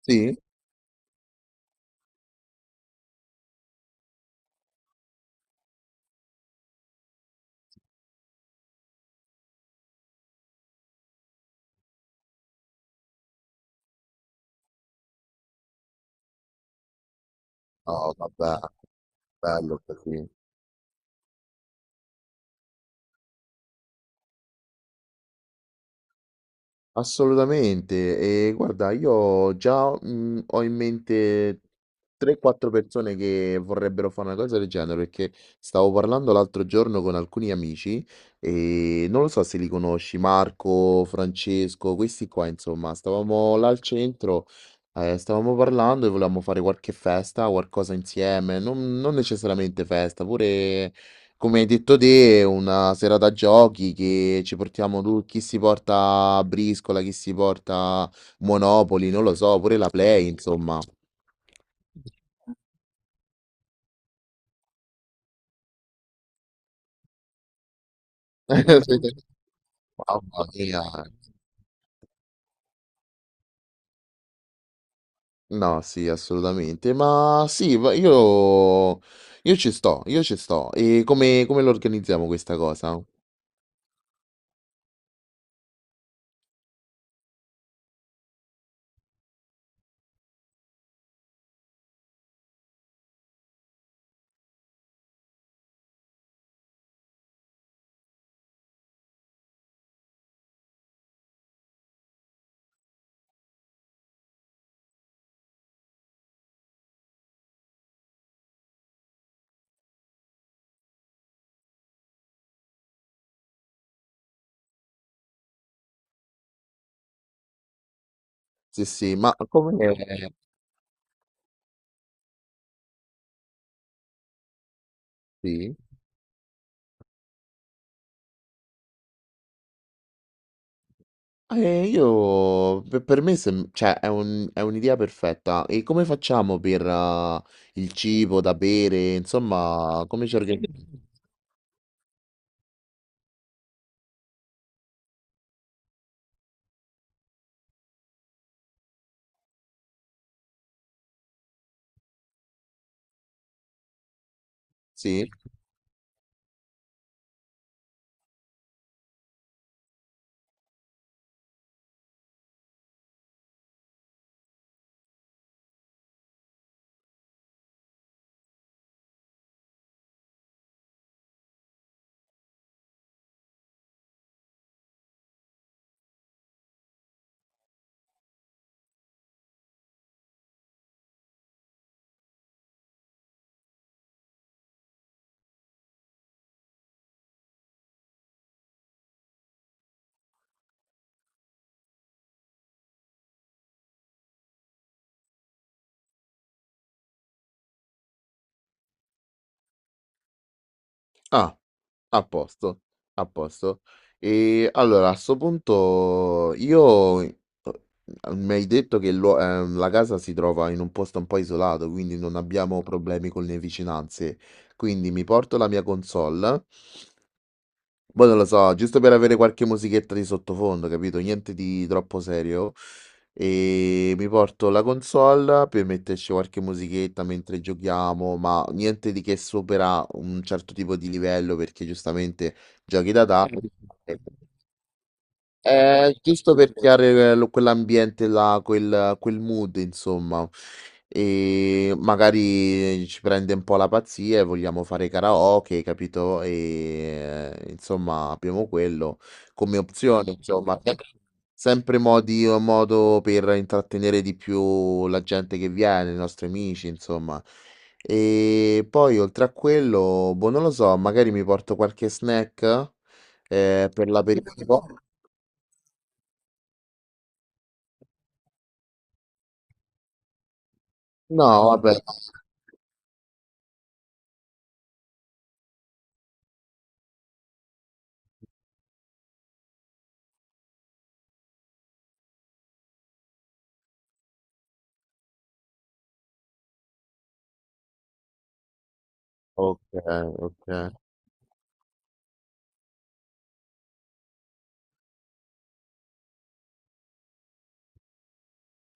Sì? Oh, vabbè, bello così. Assolutamente. E guarda, io già ho in mente 3-4 persone che vorrebbero fare una cosa del genere, perché stavo parlando l'altro giorno con alcuni amici e non lo so se li conosci, Marco, Francesco, questi qua, insomma, stavamo là al centro, stavamo parlando e volevamo fare qualche festa, qualcosa insieme, non necessariamente festa, pure. Come hai detto te, è una serata giochi che ci portiamo tu, chi si porta a briscola, chi si porta Monopoli, non lo so, pure la Play, insomma. Mamma mia. No, sì, assolutamente. Ma sì, io ci sto, io ci sto. E come lo organizziamo questa cosa? Sì, sì, ma come. Sì. Io per me cioè, è un'idea perfetta. E come facciamo per il cibo da bere? Insomma, come ci organizziamo? Sì? Ah, a posto, a posto. E allora, a sto punto, io mi hai detto che la casa si trova in un posto un po' isolato, quindi non abbiamo problemi con le vicinanze. Quindi mi porto la mia console. Boh, non lo so, giusto per avere qualche musichetta di sottofondo, capito? Niente di troppo serio. E mi porto la console per metterci qualche musichetta mentre giochiamo, ma niente di che supera un certo tipo di livello perché giustamente giochi da tavolo. Giusto per creare quell'ambiente là, quel mood, insomma. E magari ci prende un po' la pazzia e vogliamo fare karaoke, capito? E insomma, abbiamo quello come opzione, insomma, sempre modi o modo per intrattenere di più la gente che viene, i nostri amici, insomma. E poi oltre a quello, boh, non lo so, magari mi porto qualche snack per l'aperitivo. No, vabbè, ok, ok.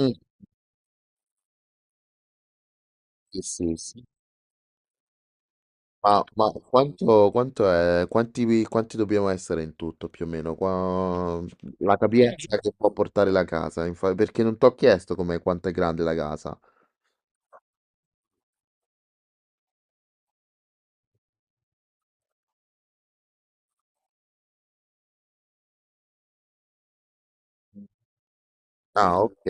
Mm, sì, sì, sì. Ma quanto è, quanti dobbiamo essere in tutto più o meno? Qua, la capienza che può portare la casa, perché non ti ho chiesto come, quanto è grande la casa. Ah, ok.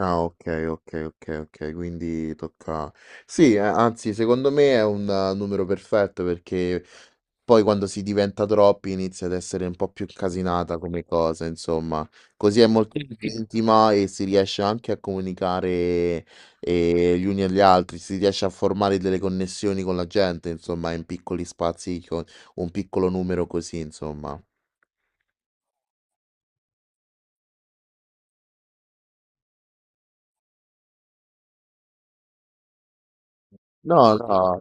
Ah, okay, okay, okay, okay, quindi tocca sì, anzi secondo me è un numero perfetto perché poi quando si diventa troppi inizia ad essere un po' più incasinata come cosa, insomma. Così è molto più, sì, intima e si riesce anche a comunicare gli uni agli altri, si riesce a formare delle connessioni con la gente, insomma, in piccoli spazi, con un piccolo numero così, insomma. No, no.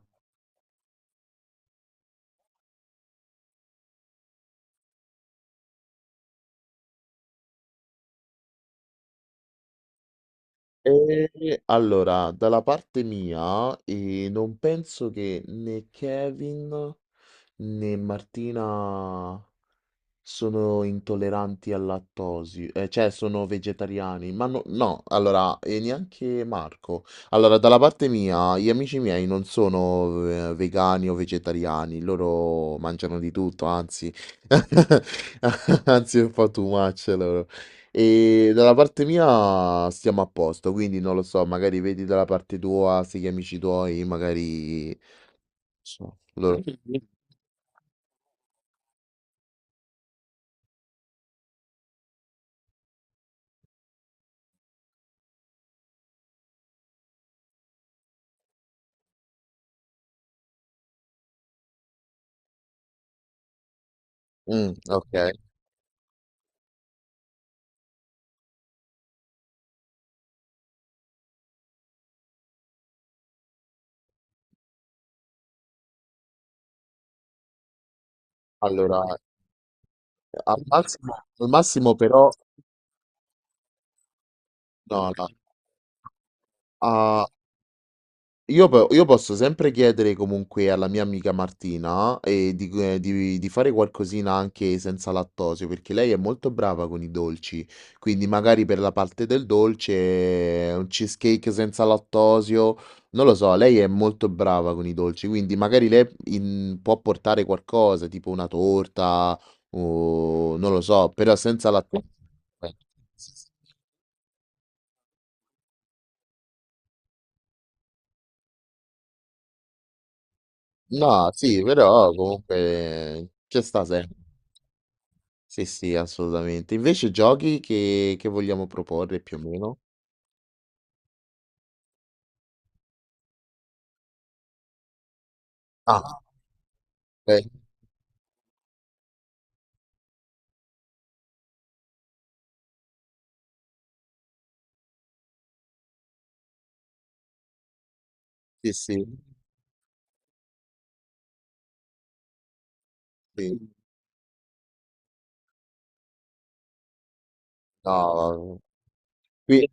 Allora, dalla parte mia, non penso che né Kevin né Martina sono intolleranti al lattosio, cioè sono vegetariani, ma no, no, allora, e neanche Marco. Allora, dalla parte mia, gli amici miei non sono vegani o vegetariani, loro mangiano di tutto, anzi, anzi, è un po' too much loro. E dalla parte mia stiamo a posto, quindi non lo so, magari vedi dalla parte tua, se gli amici tuoi, magari non so, loro- Mm, ok, allora. Al massimo però, no, no. Ah, io posso sempre chiedere comunque alla mia amica Martina di fare qualcosina anche senza lattosio, perché lei è molto brava con i dolci, quindi magari per la parte del dolce un cheesecake senza lattosio, non lo so, lei è molto brava con i dolci, quindi magari lei può portare qualcosa, tipo una torta o non lo so, però senza lattosio. No, sì, però comunque ci sta sempre. Sì, sì, assolutamente. Invece giochi che vogliamo proporre più o meno? Ah, ok. Sì, sì, sì. No, qui,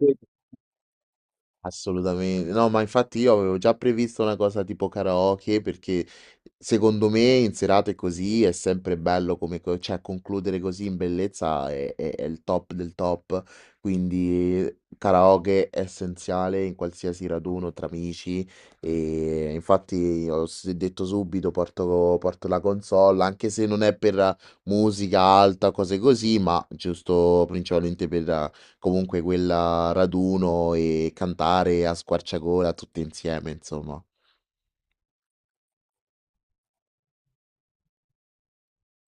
assolutamente, no, ma infatti io avevo già previsto una cosa tipo karaoke perché secondo me in serate così è sempre bello cioè concludere così in bellezza è il top del top, quindi karaoke è essenziale in qualsiasi raduno tra amici e infatti ho detto subito porto la console anche se non è per musica alta, cose così, ma giusto principalmente per. Comunque quella raduno e cantare a squarciagola tutti insieme, insomma.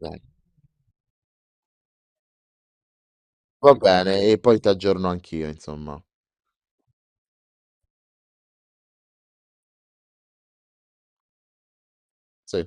Dai, va, ok, bene, e poi ti aggiorno anch'io, insomma. Sì.